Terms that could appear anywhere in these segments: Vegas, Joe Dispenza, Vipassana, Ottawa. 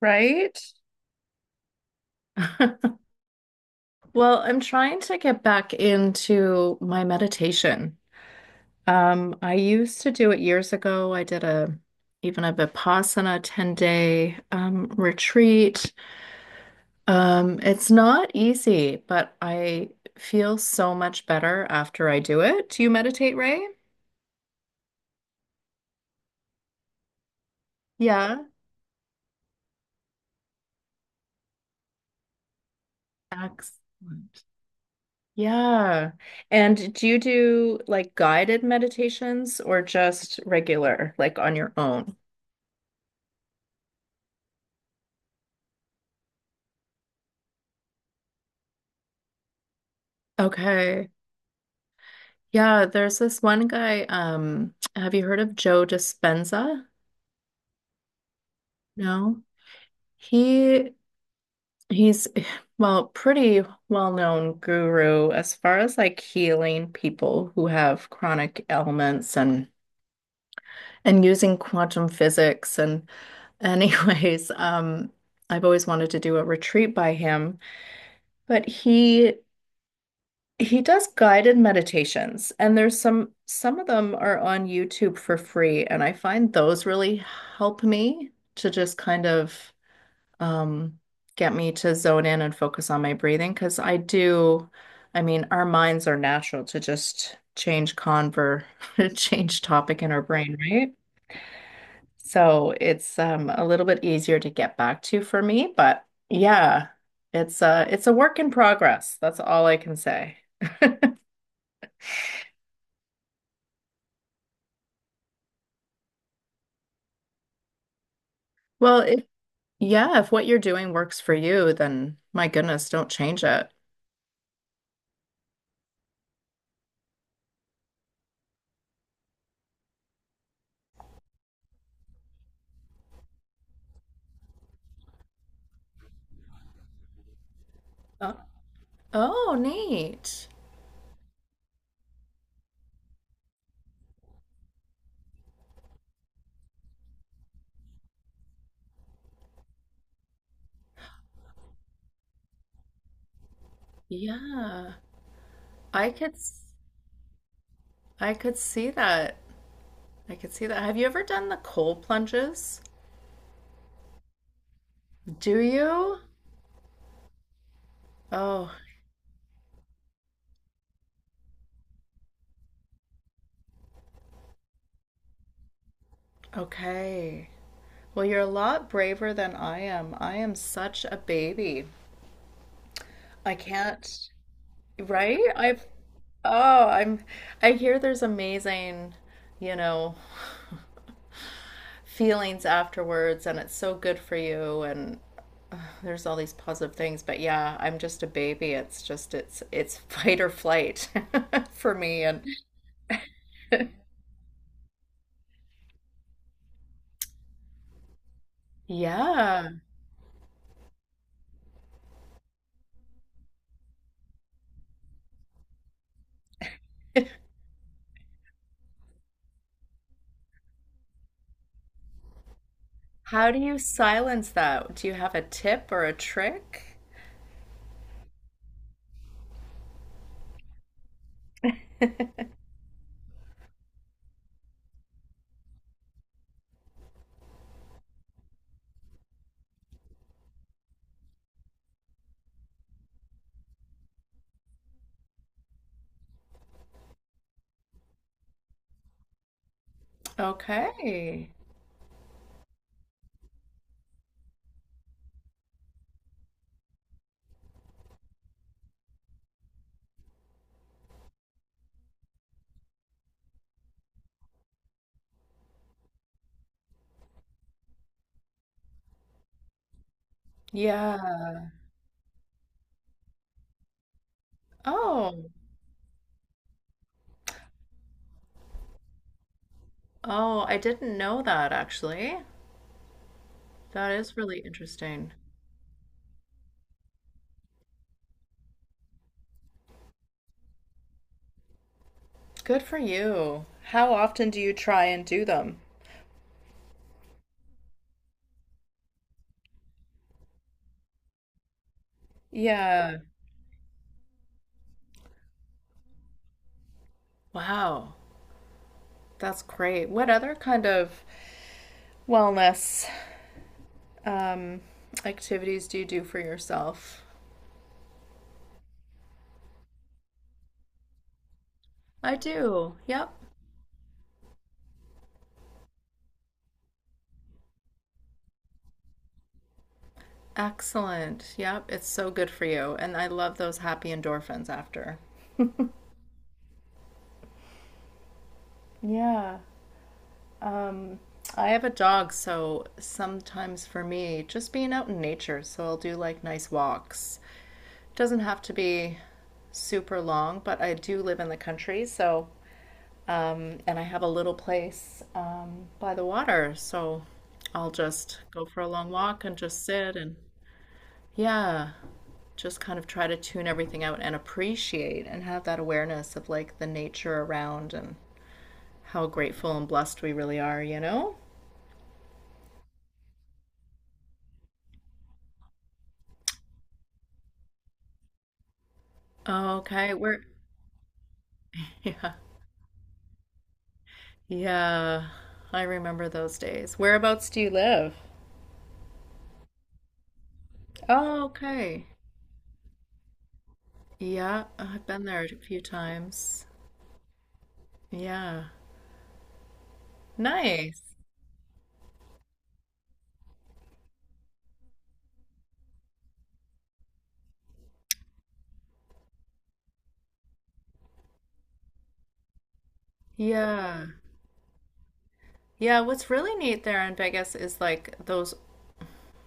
Right? Well, I'm trying to get back into my meditation. I used to do it years ago. I did a even a Vipassana 10-day retreat. It's not easy, but I feel so much better after I do it. Do you meditate, Ray? Yeah. Excellent. Yeah. And do you do like guided meditations or just regular, like on your own? Okay. Yeah, there's this one guy. Have you heard of Joe Dispenza? No. He he's well, pretty well-known guru as far as like healing people who have chronic ailments and using quantum physics and anyways, I've always wanted to do a retreat by him, but He does guided meditations, and there's some of them are on YouTube for free, and I find those really help me to just kind of um, get me to zone in and focus on my breathing because I mean, our minds are natural to just change topic in our brain, right? So it's a little bit easier to get back to for me, but yeah, it's a work in progress. That's all I can say. Well, if Yeah, if what you're doing works for you, then my goodness, don't change it. Oh, oh, neat. Yeah. I could s- I could see that. I could see that. Have you ever done the cold plunges? Do you? Oh, okay. Well, you're a lot braver than I am. I am such a baby. I can't, right? I've Oh. I hear there's amazing, you know, feelings afterwards and it's so good for you and there's all these positive things but yeah I'm just a baby it's just it's fight or flight for me and yeah, how do you silence that? Do you have a tip or a trick? Okay. Yeah. Oh. Oh I didn't know that actually. That is really interesting. Good for you. How often do you try and do them? Yeah. Wow, that's great. What other kind of wellness um, activities do you do for yourself? I do. Yep. Excellent. Yep. It's so good for you. And I love those happy endorphins after. Yeah. Um, I have a dog, so sometimes for me, just being out in nature. So I'll do like nice walks. Doesn't have to be super long, but I do live in the country. So, and I have a little place by the water. So I'll just go for a long walk and just sit and yeah. Just kind of try to tune everything out and appreciate and have that awareness of like the nature around and how grateful and blessed we really are, you know? Okay, where Yeah. Yeah. I remember those days. Whereabouts do you live? Oh, okay. Yeah, I've been there a few times. Yeah. Nice. Yeah. Yeah, what's really neat there in Vegas is like those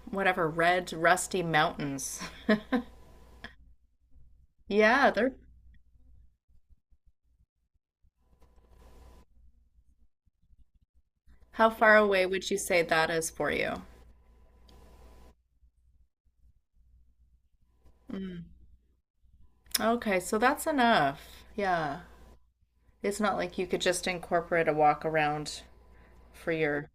whatever red rusty mountains. Yeah, they're how far away would you say that is for you? Mm. Okay, so that's enough. Yeah. It's not like you could just incorporate a walk around for your.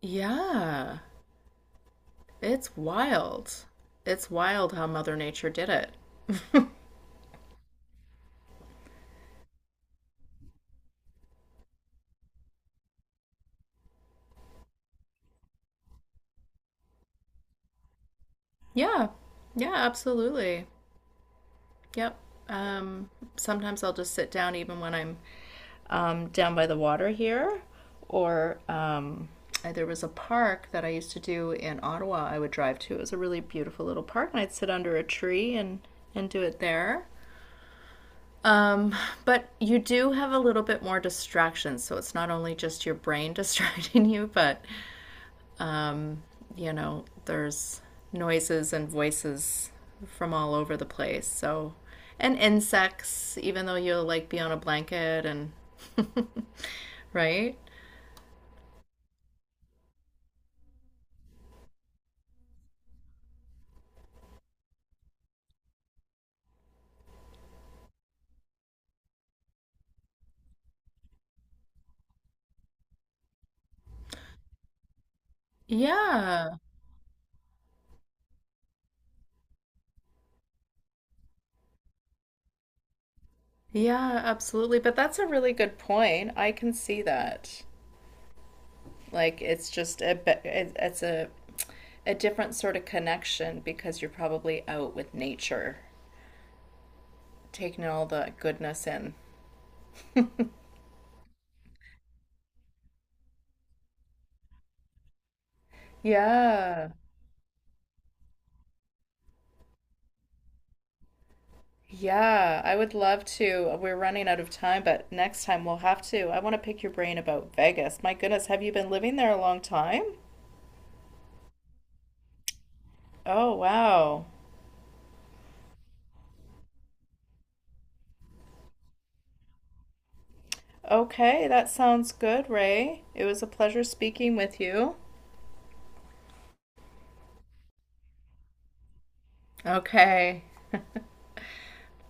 Yeah. It's wild. It's wild how Mother Nature did it. Yeah. Yeah, absolutely. Yep. Um, sometimes I'll just sit down even when I'm down by the water here. Or there was a park that I used to do in Ottawa, I would drive to. It was a really beautiful little park, and I'd sit under a tree and do it there. Um, but you do have a little bit more distractions, so it's not only just your brain distracting you, but um, you know, there's noises and voices from all over the place. So, and insects, even though you'll like be on a blanket and right? Yeah. Yeah, absolutely. But that's a really good point. I can see that. Like it's just a bit, it's a different sort of connection because you're probably out with nature, taking all the goodness in. Yeah. Yeah, I would love to. We're running out of time, but next time we'll have to. I want to pick your brain about Vegas. My goodness, have you been living there a long time? Oh, wow. Okay, that sounds good, Ray. It was a pleasure speaking with you. Okay.